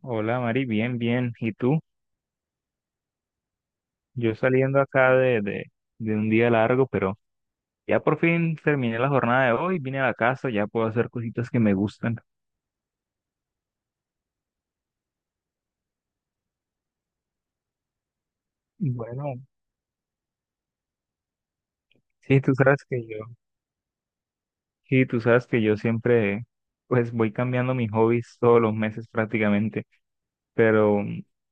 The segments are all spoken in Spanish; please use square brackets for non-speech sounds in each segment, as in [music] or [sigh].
Hola Mari, bien, bien. ¿Y tú? Yo saliendo acá de un día largo, pero ya por fin terminé la jornada de hoy, vine a la casa, ya puedo hacer cositas que me gustan. Bueno, sí, tú sabes que yo, sí, tú sabes que yo siempre, pues voy cambiando mis hobbies todos los meses prácticamente, pero,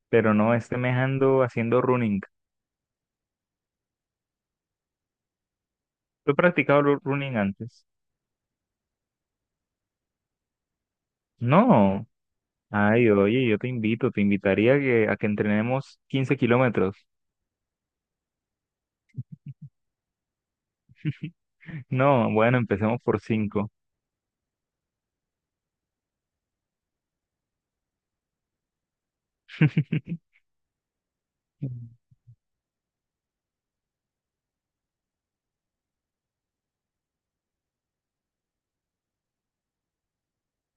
pero no, este mes ando haciendo running. ¿Tú has practicado running antes? No. Ay, oye, yo te invito, te invitaría a a que entrenemos 15 kilómetros. No, bueno, empecemos por cinco. [laughs]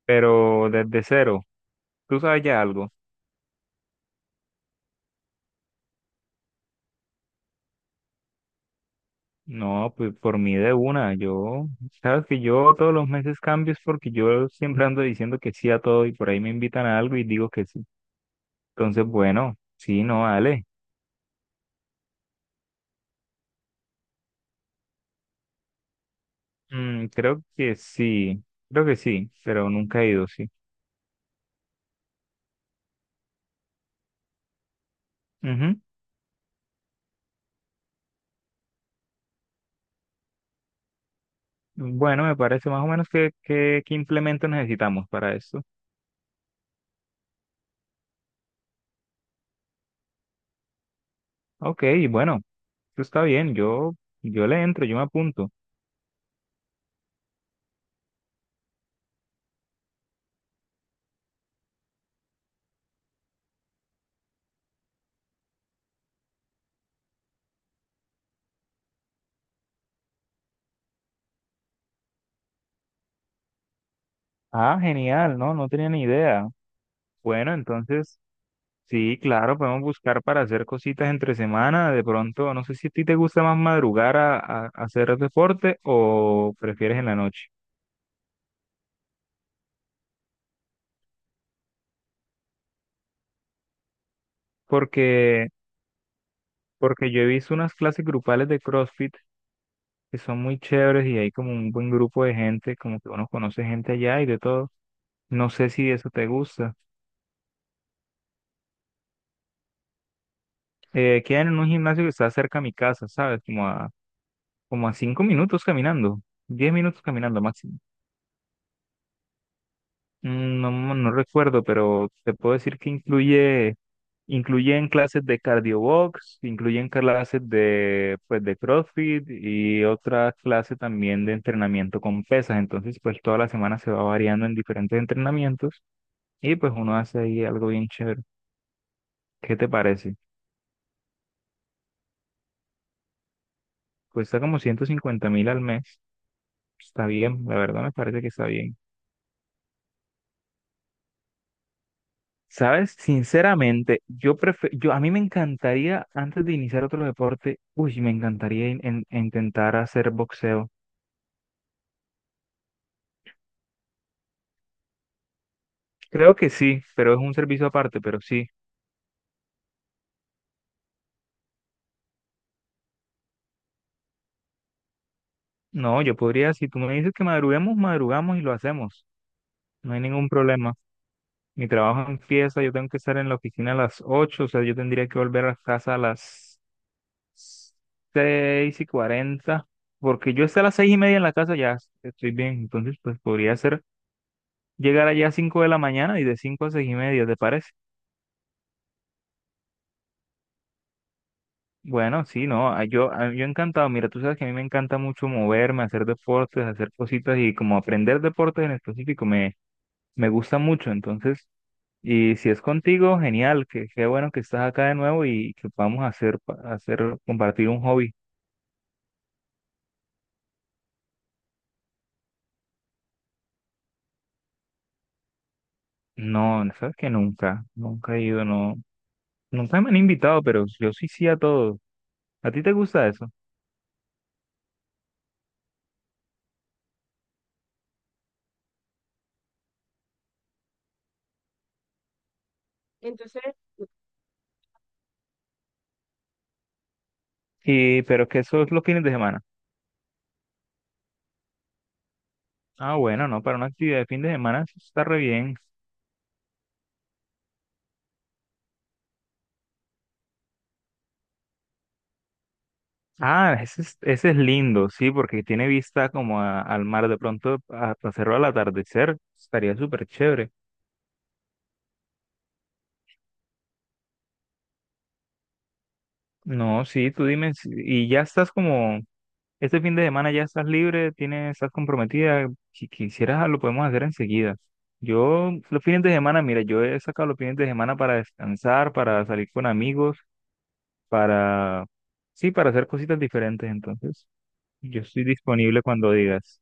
Pero desde cero, ¿tú sabes ya algo? No, pues por mí de una. Yo, sabes que yo todos los meses cambio es porque yo siempre ando diciendo que sí a todo y por ahí me invitan a algo y digo que sí. Entonces, bueno, sí, no, dale. Mm, creo que sí, pero nunca he ido, sí. Ujú. Bueno, me parece más o menos qué implemento necesitamos para esto. Ok, bueno. Pues está bien, yo le entro, yo me apunto. Ah, genial, no, no tenía ni idea. Bueno, entonces, sí, claro, podemos buscar para hacer cositas entre semana. De pronto, no sé si a ti te gusta más madrugar a hacer deporte o prefieres en la noche. Porque, porque yo he visto unas clases grupales de CrossFit que son muy chéveres y hay como un buen grupo de gente, como que uno conoce gente allá y de todo. No sé si eso te gusta. Quedan en un gimnasio que está cerca a mi casa, ¿sabes? Como a 5 minutos caminando, 10 minutos caminando máximo. Mm, no, no recuerdo, pero te puedo decir que incluyen clases de cardio box, incluyen clases de, pues, de CrossFit y otra clase también de entrenamiento con pesas. Entonces, pues toda la semana se va variando en diferentes entrenamientos y pues uno hace ahí algo bien chévere. ¿Qué te parece? Cuesta como 150.000 al mes. Está bien, la verdad me parece que está bien. Sabes, sinceramente, yo a mí me encantaría antes de iniciar otro deporte, uy, me encantaría intentar hacer boxeo. Creo que sí, pero es un servicio aparte, pero sí. No, yo podría, si tú me dices que madruguemos, madrugamos y lo hacemos. No hay ningún problema. Mi trabajo empieza, yo tengo que estar en la oficina a las 8, o sea, yo tendría que volver a casa a las 6:40, porque yo hasta las 6:30 en la casa ya estoy bien, entonces pues podría hacer llegar allá a 5 de la mañana y de 5:00 a 6:30, ¿te parece? Bueno, sí, no, yo encantado. Mira, tú sabes que a mí me encanta mucho moverme, hacer deportes, hacer cositas y como aprender deportes en específico me, me gusta mucho. Entonces, y si es contigo, genial, que qué bueno que estás acá de nuevo y que podamos hacer, compartir un hobby. No, sabes que nunca, nunca he ido, no, nunca me han invitado, pero yo sí sí a todo. ¿A ti te gusta eso? Entonces, y, pero que eso es los fines de semana. Ah, bueno, no, para una actividad de fin de semana sí está re bien. Ah, ese es lindo, sí, porque tiene vista como al mar de pronto, a hacerlo al atardecer, estaría súper chévere. No, sí, tú dime, y ya estás como, este fin de semana ya estás libre, tienes, estás comprometida, si quisieras lo podemos hacer enseguida. Yo, los fines de semana, mira, yo he sacado los fines de semana para descansar, para salir con amigos, para, sí, para hacer cositas diferentes, entonces, yo estoy disponible cuando digas.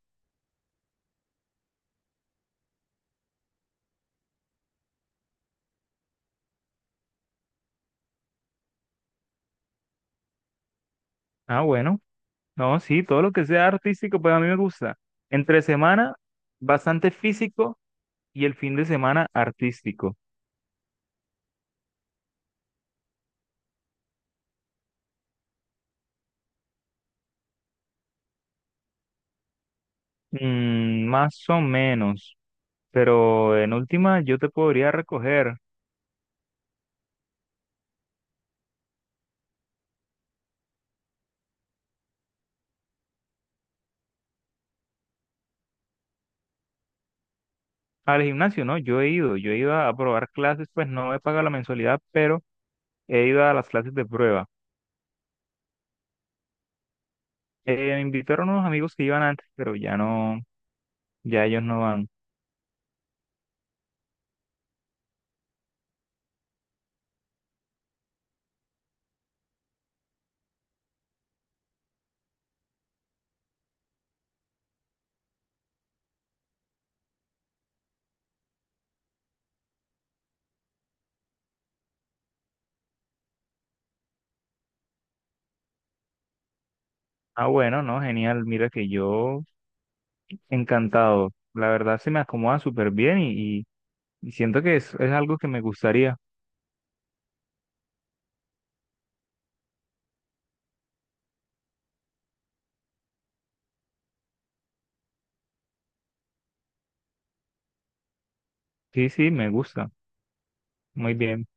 Ah, bueno. No, sí, todo lo que sea artístico, pues a mí me gusta. Entre semana, bastante físico y el fin de semana, artístico. Mm, más o menos. Pero en última, yo te podría recoger al gimnasio, ¿no? Yo he ido a probar clases, pues no he pagado la mensualidad, pero he ido a las clases de prueba. Me invitaron unos amigos que iban antes, pero ya no, ya ellos no van. Ah, bueno, no, genial. Mira que yo encantado. La verdad se me acomoda súper bien. Y siento que es algo que me gustaría. Sí, sí, me gusta. Muy bien.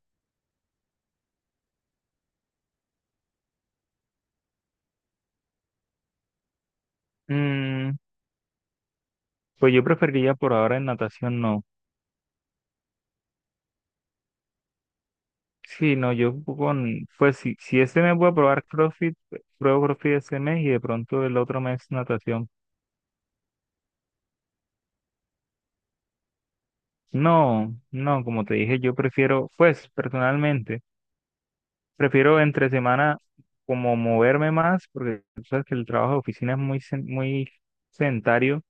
Mm, pues yo preferiría por ahora en natación no. Sí, no, yo con, pues si este mes voy a probar CrossFit, pruebo CrossFit este mes y de pronto el otro mes natación. No, no, como te dije, yo prefiero, pues personalmente, prefiero entre semana como moverme más, porque tú sabes que el trabajo de oficina es muy, muy sedentario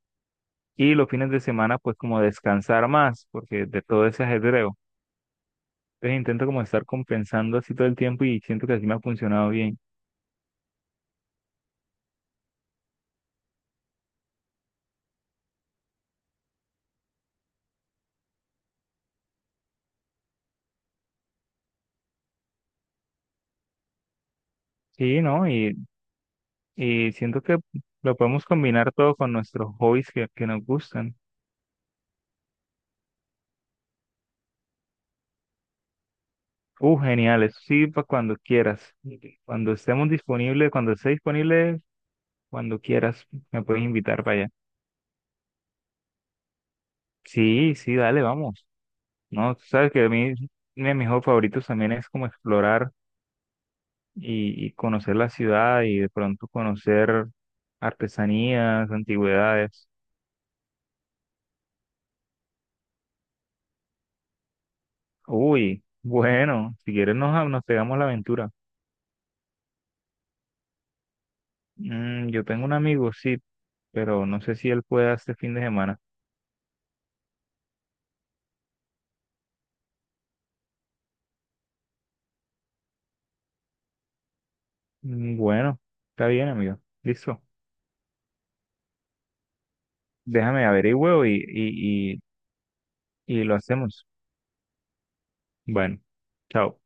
y los fines de semana pues como descansar más, porque de todo ese ajedreo. Entonces intento como estar compensando así todo el tiempo y siento que así me ha funcionado bien. Sí, ¿no? Y siento que lo podemos combinar todo con nuestros hobbies que nos gustan. Genial, eso sí, para cuando quieras. Cuando estemos disponibles, cuando esté disponible, cuando quieras, me puedes invitar para allá. Sí, sí, dale, vamos. No, tú sabes que a mí, uno de mis hobbies favoritos también es como explorar y conocer la ciudad y de pronto conocer artesanías, antigüedades. Uy, bueno, si quieres nos pegamos la aventura. Mm, yo tengo un amigo, sí, pero no sé si él puede este fin de semana. Mm, bueno, está bien, amigo. Listo. Déjame averiguo y lo hacemos. Bueno, chao.